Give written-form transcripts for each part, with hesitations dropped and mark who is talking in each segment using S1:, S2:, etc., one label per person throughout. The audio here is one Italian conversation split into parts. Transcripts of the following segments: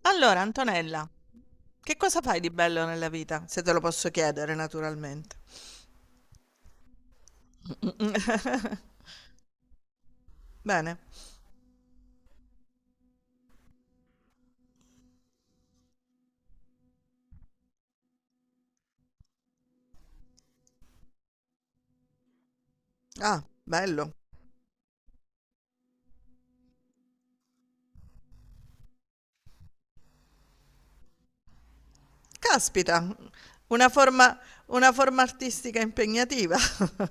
S1: Allora, Antonella, che cosa fai di bello nella vita? Se te lo posso chiedere, naturalmente. Bene. Ah, bello. Caspita, una forma, una forma artistica impegnativa.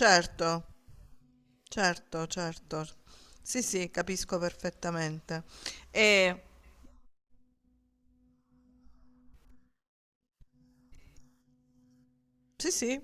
S1: Certo, certo, certo. Sì, sì, capisco perfettamente. E sì, sì,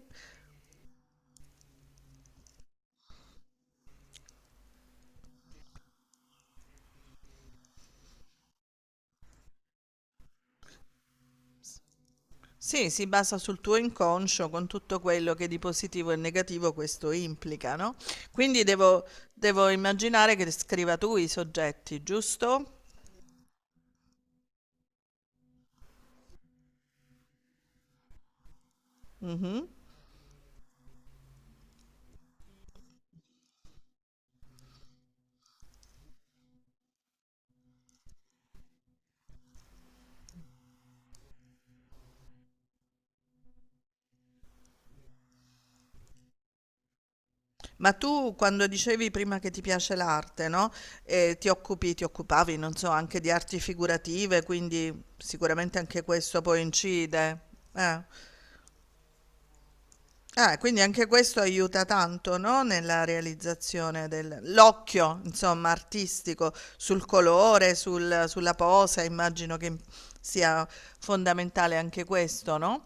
S1: sì, si basa sul tuo inconscio con tutto quello che di positivo e negativo questo implica, no? Quindi devo, devo immaginare che scriva tu i soggetti, giusto? Mhm. Ma tu quando dicevi prima che ti piace l'arte, no? Ti occupi, ti occupavi, non so, anche di arti figurative, quindi sicuramente anche questo poi incide. Eh. Ah, quindi anche questo aiuta tanto, no? Nella realizzazione dell'occhio, insomma, artistico, sul colore, sulla posa, immagino che sia fondamentale anche questo, no?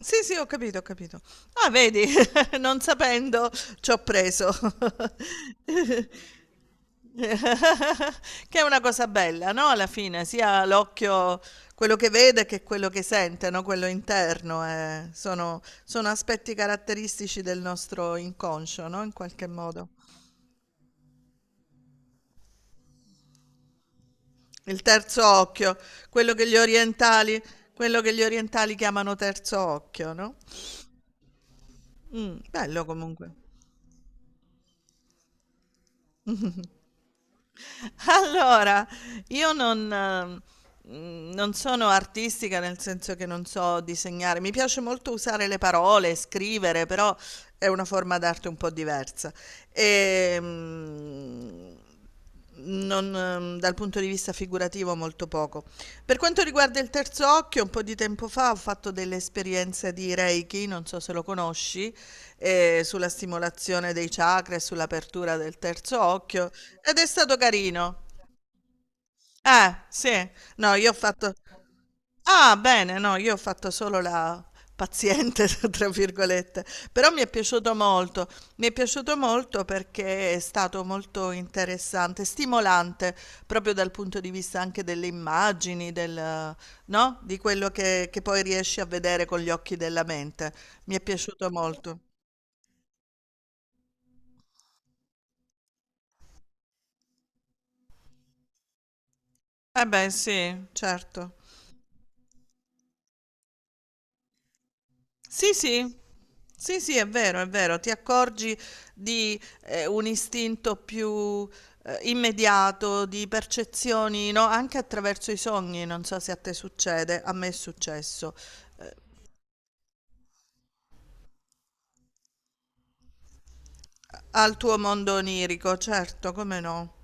S1: Sì, sì, ho capito, ho capito. Ah, vedi, non sapendo ci ho preso. Che è una cosa bella, no, alla fine, sia l'occhio quello che vede che quello che sente, no, quello interno, sono aspetti caratteristici del nostro inconscio, no, in qualche modo. Il terzo occhio, quello che gli orientali quello che gli orientali chiamano terzo occhio, no. Bello comunque. Allora, io non, non sono artistica nel senso che non so disegnare. Mi piace molto usare le parole, scrivere, però è una forma d'arte un po' diversa. Ehm, non, dal punto di vista figurativo molto poco. Per quanto riguarda il terzo occhio, un po' di tempo fa ho fatto delle esperienze di Reiki, non so se lo conosci, sulla stimolazione dei chakra e sull'apertura del terzo occhio ed è stato carino. Sì. No, io ho fatto. Ah, bene, no, io ho fatto solo la paziente, tra virgolette, però mi è piaciuto molto, mi è piaciuto molto perché è stato molto interessante, stimolante, proprio dal punto di vista anche delle immagini, del, no? Di quello che poi riesci a vedere con gli occhi della mente. Mi è piaciuto molto. Eh beh, sì, certo. Sì, sì, sì, sì, è vero, ti accorgi di un istinto più immediato, di percezioni, no? Anche attraverso i sogni, non so se a te succede, a me è successo. Eh, al tuo mondo onirico, certo, come no?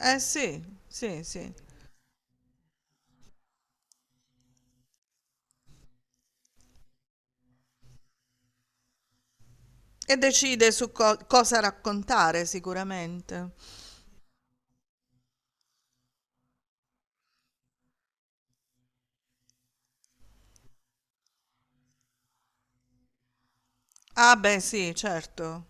S1: Eh sì, sì, sì. E decide su cosa raccontare sicuramente. Ah, beh, sì, certo.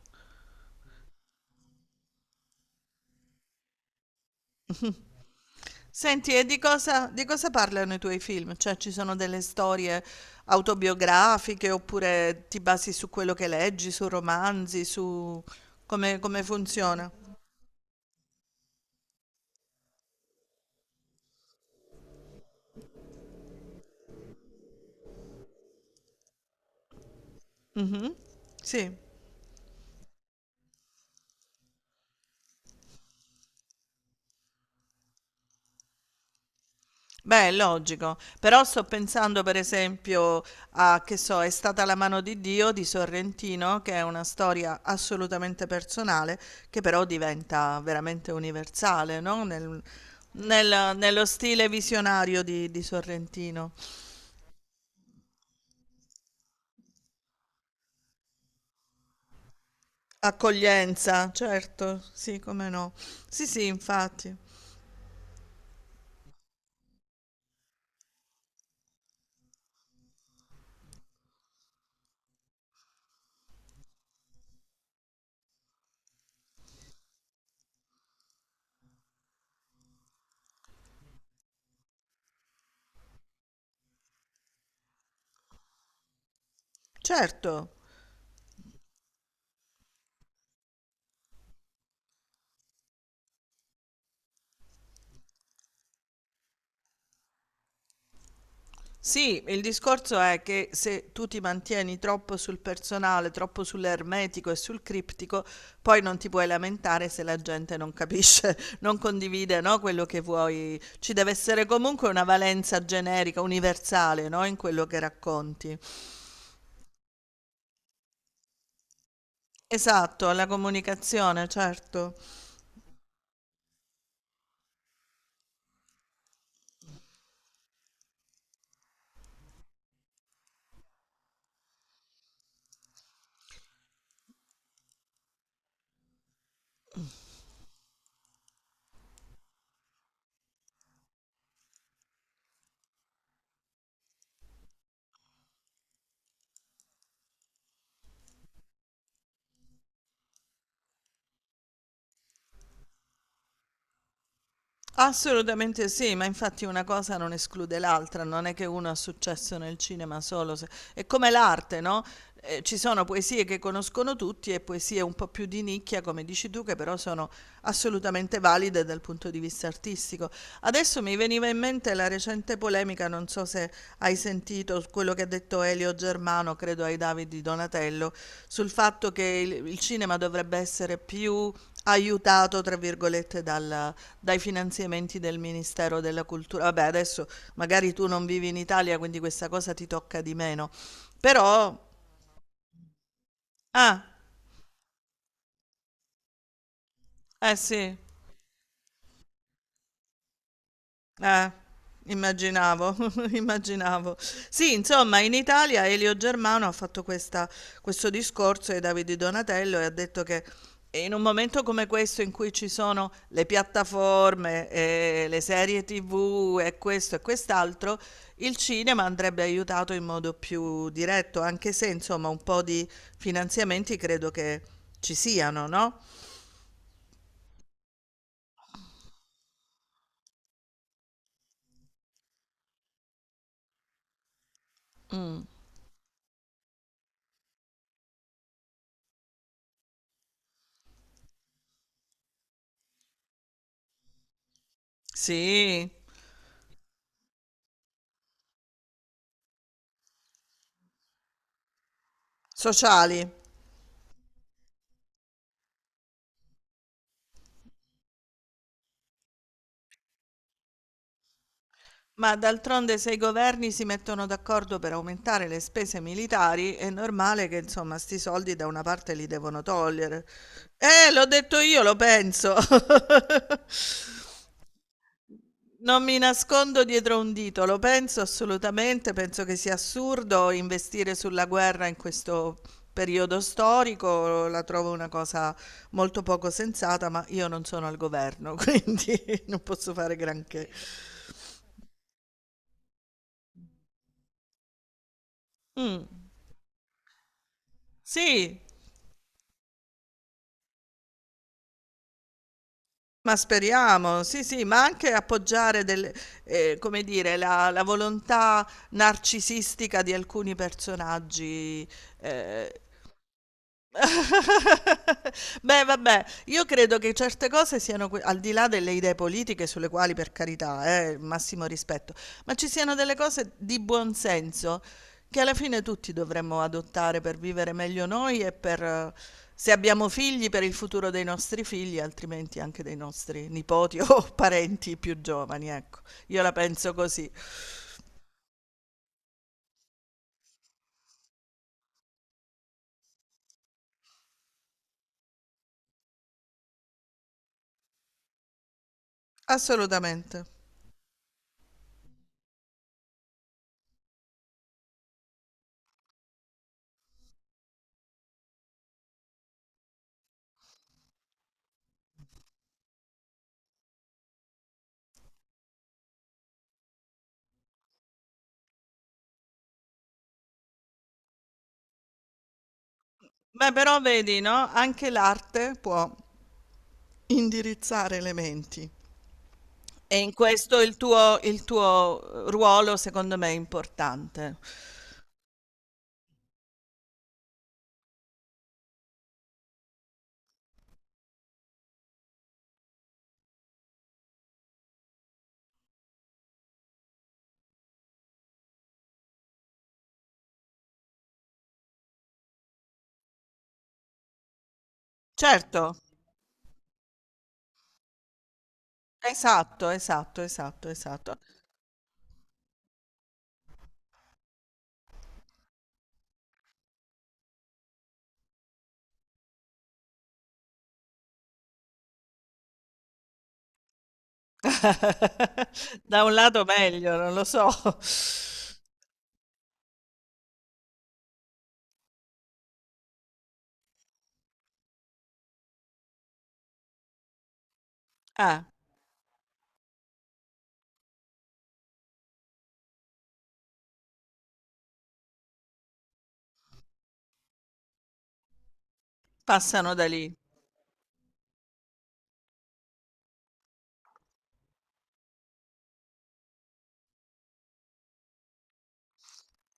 S1: Senti, e di cosa parlano i tuoi film? Cioè, ci sono delle storie autobiografiche oppure ti basi su quello che leggi, su romanzi, su come, come funziona? Mhm. Sì, beh, è logico. Però sto pensando, per esempio, a, che so, È stata la mano di Dio di Sorrentino, che è una storia assolutamente personale, che però diventa veramente universale, no? Nello stile visionario di Sorrentino. Accoglienza, certo, sì, come no. Sì, sì, infatti. Certo. Sì, il discorso è che se tu ti mantieni troppo sul personale, troppo sull'ermetico e sul criptico, poi non ti puoi lamentare se la gente non capisce, non condivide, no, quello che vuoi. Ci deve essere comunque una valenza generica, universale, no, in quello che racconti. Esatto, alla comunicazione, certo. Assolutamente sì, ma infatti una cosa non esclude l'altra, non è che uno ha successo nel cinema solo, se- è come l'arte, no? Ci sono poesie che conoscono tutti e poesie un po' più di nicchia, come dici tu, che però sono assolutamente valide dal punto di vista artistico. Adesso mi veniva in mente la recente polemica, non so so se hai sentito quello che ha detto Elio Germano, credo ai Davidi Donatello, sul fatto che il cinema dovrebbe essere più aiutato, tra virgolette, dai finanziamenti del Ministero della Cultura. Vabbè, adesso magari tu non vivi in Italia, quindi questa cosa ti tocca di meno. Però, ah, eh sì. Eh, immaginavo, immaginavo. Sì, insomma, in Italia Elio Germano ha fatto questo discorso ai Davide Donatello e ha detto che in un momento come questo in cui ci sono le piattaforme, e le serie TV e questo e quest'altro, il cinema andrebbe aiutato in modo più diretto, anche se, insomma, un po' di finanziamenti credo che ci siano, no? Mm, sì, sociali. Ma d'altronde se i governi si mettono d'accordo per aumentare le spese militari, è normale che insomma 'sti soldi da una parte li devono togliere. L'ho detto io, lo penso. Non mi nascondo dietro un dito, lo penso assolutamente, penso che sia assurdo investire sulla guerra in questo periodo storico, la trovo una cosa molto poco sensata, ma io non sono al governo, quindi non posso fare granché. Mh, sì. Ma speriamo, sì, sì, ma anche appoggiare del come dire, la volontà narcisistica di alcuni personaggi, ehm Beh, vabbè, io credo che certe cose siano, que- al di là delle idee politiche, sulle quali per carità, massimo rispetto, ma ci siano delle cose di buon senso che alla fine tutti dovremmo adottare per vivere meglio noi e per, se abbiamo figli, per il futuro dei nostri figli, altrimenti anche dei nostri nipoti o parenti più giovani, ecco. Io la penso così. Assolutamente. Beh, però vedi, no? Anche l'arte può indirizzare le menti. E in questo il tuo ruolo secondo me è importante. Certo, esatto, esatto, esatto, esatto. Da un lato meglio, non lo so. Eh, passano da lì.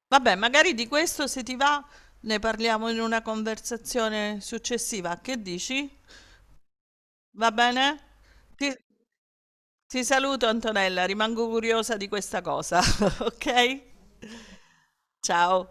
S1: Vabbè, magari di questo se ti va ne parliamo in una conversazione successiva. Che dici? Va bene? Ti ti saluto Antonella, rimango curiosa di questa cosa, okay? Ciao.